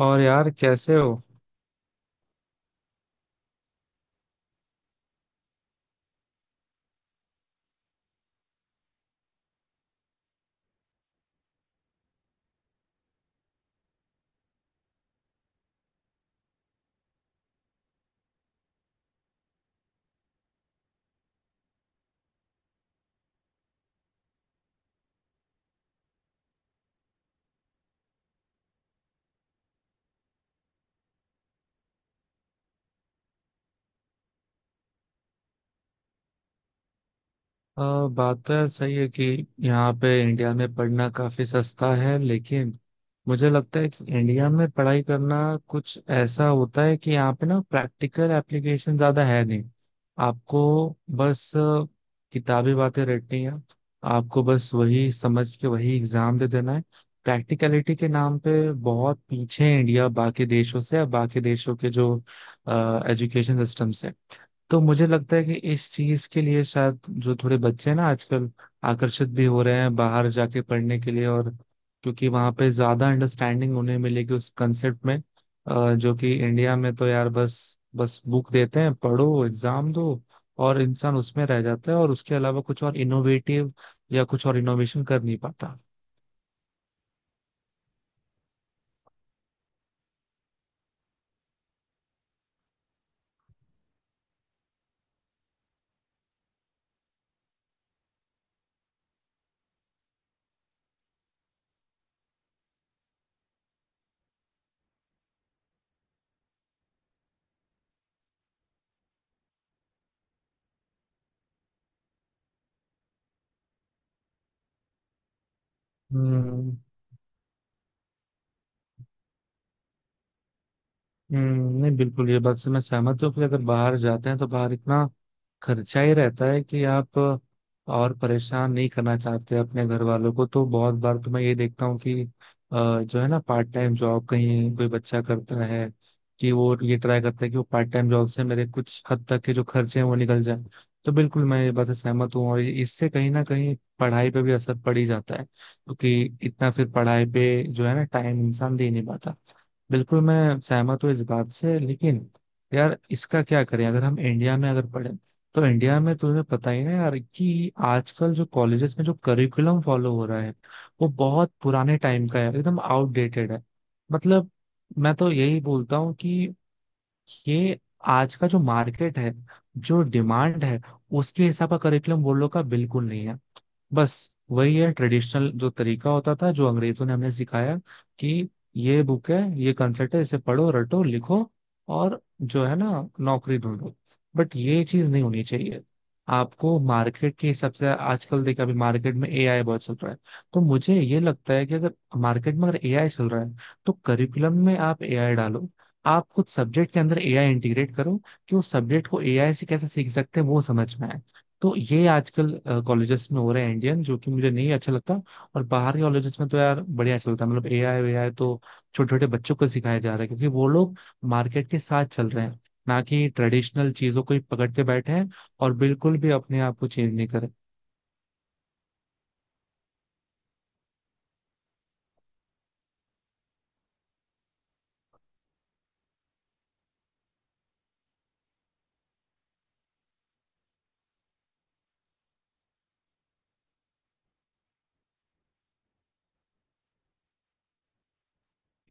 और यार कैसे हो? अ, बात तो यार सही है कि यहाँ पे इंडिया में पढ़ना काफी सस्ता है लेकिन मुझे लगता है कि इंडिया में पढ़ाई करना कुछ ऐसा होता है कि यहाँ पे ना प्रैक्टिकल एप्लीकेशन ज्यादा है नहीं। आपको बस किताबी बातें रटनी है। आपको बस वही समझ के वही एग्जाम दे देना है। प्रैक्टिकलिटी के नाम पे बहुत पीछे है इंडिया बाकी देशों से या बाकी देशों के जो एजुकेशन सिस्टम से। तो मुझे लगता है कि इस चीज के लिए शायद जो थोड़े बच्चे हैं ना आजकल आकर्षित भी हो रहे हैं बाहर जाके पढ़ने के लिए और क्योंकि वहां पे ज्यादा अंडरस्टैंडिंग उन्हें मिलेगी उस कंसेप्ट में। जो कि इंडिया में तो यार बस बस बुक देते हैं पढ़ो एग्जाम दो और इंसान उसमें रह जाता है और उसके अलावा कुछ और इनोवेटिव या कुछ और इनोवेशन कर नहीं पाता। हम्म। नहीं बिल्कुल ये बात से मैं सहमत हूँ कि अगर बाहर जाते हैं तो बाहर इतना खर्चा ही रहता है कि आप और परेशान नहीं करना चाहते अपने घर वालों को तो बहुत बार तो मैं ये देखता हूँ कि जो है ना पार्ट टाइम जॉब कहीं कोई बच्चा करता है कि वो ये ट्राई करता है कि वो पार्ट टाइम जॉब से मेरे कुछ हद तक के जो खर्चे हैं वो निकल जाए। तो बिल्कुल मैं ये बात से सहमत हूँ और इससे कहीं ना कहीं पढ़ाई पे भी असर पड़ ही जाता है क्योंकि इतना फिर पढ़ाई पे जो है ना टाइम इंसान दे नहीं पाता। बिल्कुल मैं सहमत हूँ इस बात से लेकिन यार इसका क्या करें अगर हम इंडिया में अगर पढ़ें तो इंडिया में तुम्हें पता ही ना यार कि आजकल जो कॉलेजेस में जो करिकुलम फॉलो हो रहा है वो बहुत पुराने टाइम का है एकदम आउटडेटेड है। मतलब मैं तो यही बोलता हूँ कि ये आज का जो मार्केट है जो डिमांड है उसके हिसाब का करिकुलम वो लोग का बिल्कुल नहीं है। बस वही है ट्रेडिशनल जो तरीका होता था जो अंग्रेजों ने हमें सिखाया कि ये बुक है ये कंसेप्ट है इसे पढ़ो रटो लिखो और जो है ना नौकरी ढूंढो। बट ये चीज नहीं होनी चाहिए। आपको मार्केट के हिसाब से आजकल देखा अभी मार्केट में एआई बहुत चल रहा है तो मुझे ये लगता है कि अगर मार्केट में अगर एआई चल रहा है तो करिकुलम में आप एआई डालो। आप कुछ सब्जेक्ट के अंदर एआई इंटीग्रेट करो कि उस सब्जेक्ट को एआई से कैसे सीख सकते हैं वो समझ में आए। तो ये आजकल कॉलेजेस में हो रहे हैं इंडियन जो कि मुझे नहीं अच्छा लगता। और बाहर के कॉलेजेस में तो यार बढ़िया अच्छा लगता है मतलब एआई वेआई तो छोटे छोटे बच्चों को सिखाया जा रहा है क्योंकि वो लोग मार्केट के साथ चल रहे हैं ना कि ट्रेडिशनल चीजों को ही पकड़ के बैठे हैं और बिल्कुल भी अपने आप को चेंज नहीं करे।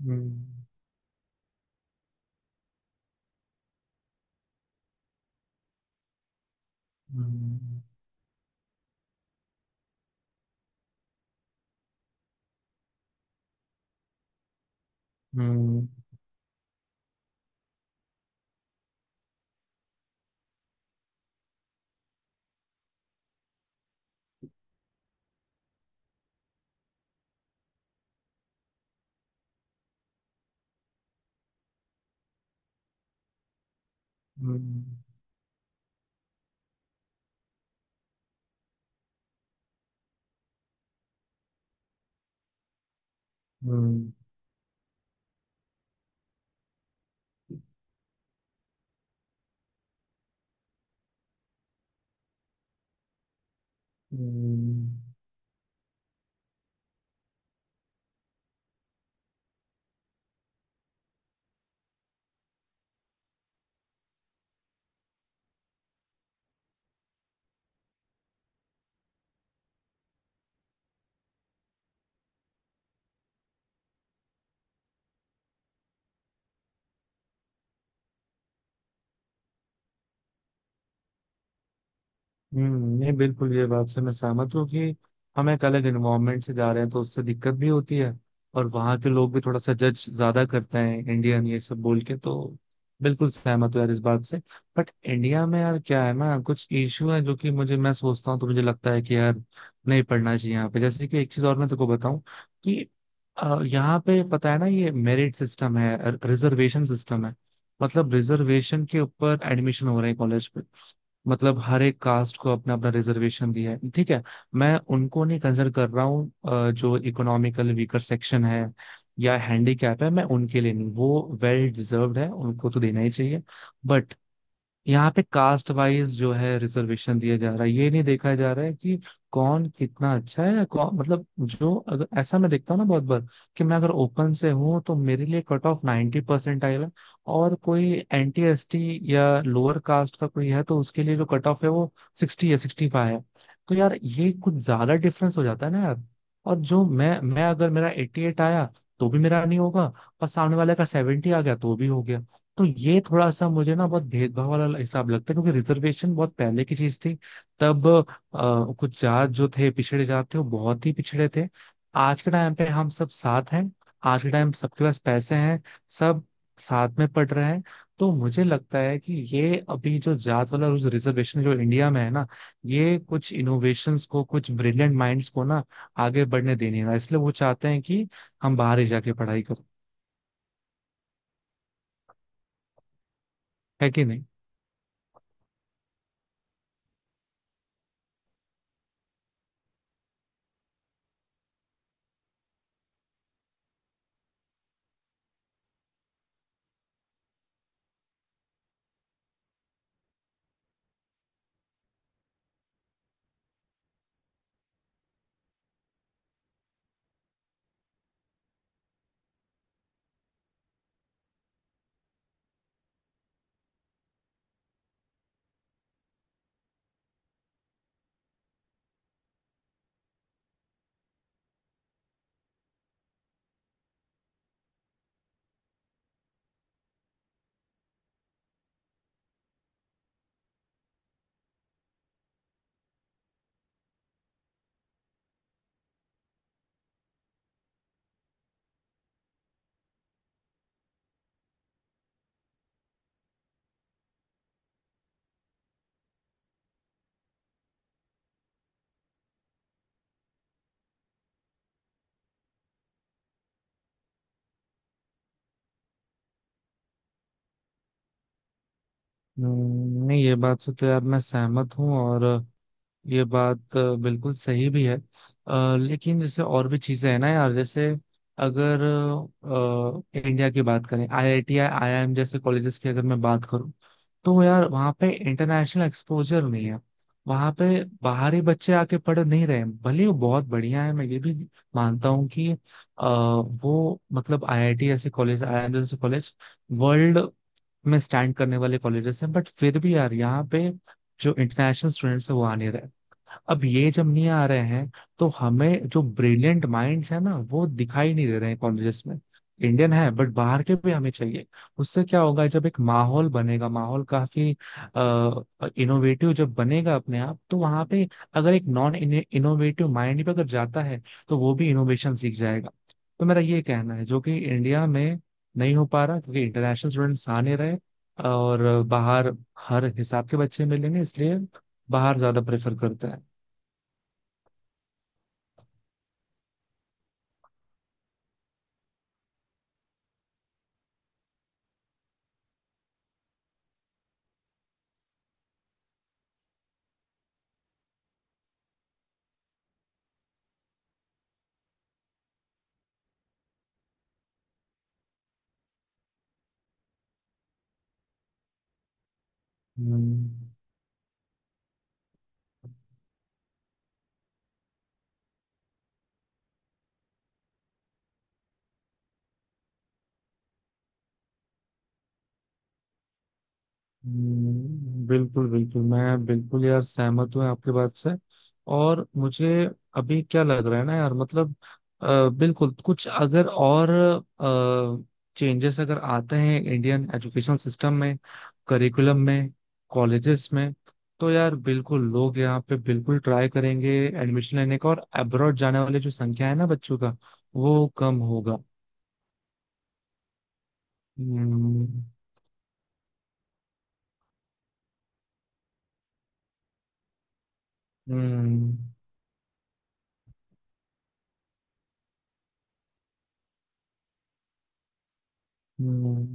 हम्म। हम्म। हम्म। हम्म। हम्म। हम्म। हम्म, नहीं बिल्कुल ये बात से मैं सहमत हूँ कि हम एक अलग इन्वायरमेंट से जा रहे हैं तो उससे दिक्कत भी होती है और वहाँ के लोग भी थोड़ा सा जज ज्यादा करते हैं इंडियन ये सब बोल के तो बिल्कुल सहमत हूँ यार इस बात से। बट इंडिया में यार क्या है ना कुछ इश्यू है जो कि मुझे मैं सोचता हूँ तो मुझे लगता है कि यार नहीं पढ़ना चाहिए यहाँ पे जैसे कि एक चीज और मैं तुमको बताऊं कि यहाँ पे पता है ना ये मेरिट सिस्टम है, रिजर्वेशन सिस्टम है। मतलब रिजर्वेशन के ऊपर एडमिशन हो रहे हैं कॉलेज। मतलब हर एक कास्ट को अपना अपना रिजर्वेशन दिया है, ठीक है। मैं उनको नहीं कंसिडर कर रहा हूँ जो इकोनॉमिकल वीकर सेक्शन है या हैंडीकैप है मैं उनके लिए नहीं, वो वेल डिजर्व्ड है उनको तो देना ही चाहिए। बट यहाँ पे कास्ट वाइज जो है रिजर्वेशन दिया जा रहा है ये नहीं देखा जा रहा है कि कौन कितना अच्छा है या कौन मतलब जो अगर ऐसा मैं देखता हूँ ना बहुत बार कि मैं अगर ओपन से हूँ तो मेरे लिए कट ऑफ 90% आएगा और कोई NT ST या लोअर कास्ट का कोई है तो उसके लिए जो कट ऑफ है वो 60 या 65 है। तो यार ये कुछ ज्यादा डिफरेंस हो जाता है ना यार। और जो मैं अगर मेरा 88 आया तो भी मेरा नहीं होगा और सामने वाले का 70 आ गया तो भी हो गया। तो ये थोड़ा सा मुझे ना बहुत भेदभाव वाला हिसाब लगता है क्योंकि रिजर्वेशन बहुत पहले की चीज थी। तब कुछ जात जो थे पिछड़े जात थे वो बहुत ही पिछड़े थे। आज के टाइम पे हम सब साथ हैं। आज के टाइम सबके पास पैसे हैं। सब साथ में पढ़ रहे हैं। तो मुझे लगता है कि ये अभी जो जात वाला रिजर्वेशन जो इंडिया में है ना ये कुछ इनोवेशंस को कुछ ब्रिलियंट माइंड्स को ना आगे बढ़ने देने ना इसलिए वो चाहते हैं कि हम बाहर ही जाके पढ़ाई करें। है कि नहीं? नहीं ये बात से तो यार मैं सहमत हूँ और ये बात बिल्कुल सही भी है। लेकिन जैसे और भी चीजें हैं ना यार जैसे अगर इंडिया की बात करें IIT IIM जैसे कॉलेजेस की अगर मैं बात करूं तो यार वहाँ पे इंटरनेशनल एक्सपोजर नहीं है। वहाँ पे बाहरी बच्चे आके पढ़ नहीं रहे हैं भले ही वो बहुत बढ़िया है मैं ये भी मानता हूँ कि वो मतलब IIT जैसे कॉलेज IIM जैसे कॉलेज वर्ल्ड में स्टैंड करने वाले कॉलेजेस हैं। बट फिर भी यार यहाँ पे जो इंटरनेशनल स्टूडेंट्स हैं वो आ नहीं रहे। अब ये जब नहीं आ रहे हैं तो हमें जो ब्रिलियंट माइंड्स है ना वो दिखाई नहीं दे रहे हैं कॉलेजेस में। इंडियन है बट बाहर के भी हमें चाहिए। उससे क्या होगा जब एक माहौल बनेगा माहौल काफी इनोवेटिव जब बनेगा अपने आप तो वहां पे अगर एक नॉन इनोवेटिव माइंड भी अगर जाता है तो वो भी इनोवेशन सीख जाएगा। तो मेरा ये कहना है जो कि इंडिया में नहीं हो पा रहा क्योंकि इंटरनेशनल स्टूडेंट्स आ नहीं रहे और बाहर हर हिसाब के बच्चे मिलेंगे इसलिए बाहर ज्यादा प्रेफर करते हैं। हम्म। बिल्कुल बिल्कुल मैं बिल्कुल यार सहमत हूँ आपके बात से। और मुझे अभी क्या लग रहा है ना यार मतलब बिल्कुल कुछ अगर और चेंजेस अगर आते हैं इंडियन एजुकेशन सिस्टम में करिकुलम में कॉलेजेस में तो यार बिल्कुल लोग यहाँ पे बिल्कुल ट्राई करेंगे एडमिशन लेने का और अब्रॉड जाने वाले जो संख्या है ना बच्चों का वो कम होगा। हम्म। हम्म। हम्म।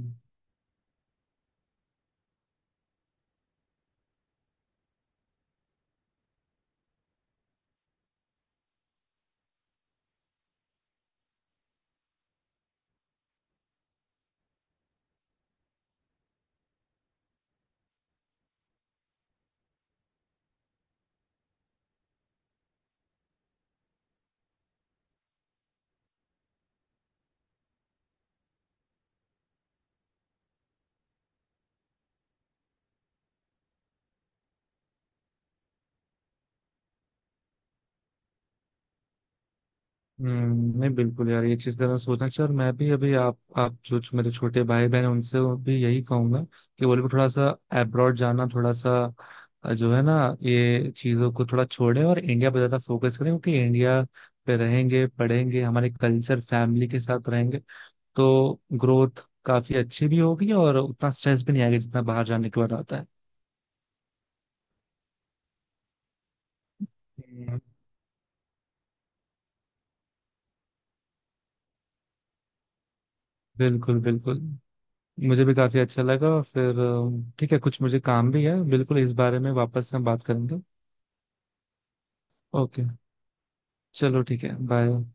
नहीं बिल्कुल यार ये चीज जरा सोचना चाहिए और मैं भी अभी आप जो जो मेरे छोटे भाई बहन हैं उनसे भी यही कहूंगा कि वो लोग भी थोड़ा सा अब्रॉड जाना थोड़ा सा जो है ना ये चीजों को थोड़ा छोड़े और इंडिया पर ज्यादा फोकस करें क्योंकि इंडिया पे रहेंगे पढ़ेंगे हमारे कल्चर फैमिली के साथ रहेंगे तो ग्रोथ काफी अच्छी भी होगी और उतना स्ट्रेस भी नहीं आएगा जितना बाहर जाने के बाद आता है। हम्म। बिल्कुल बिल्कुल मुझे भी काफी अच्छा लगा फिर ठीक है कुछ मुझे काम भी है बिल्कुल इस बारे में वापस हम बात करेंगे। ओके चलो ठीक है बाय।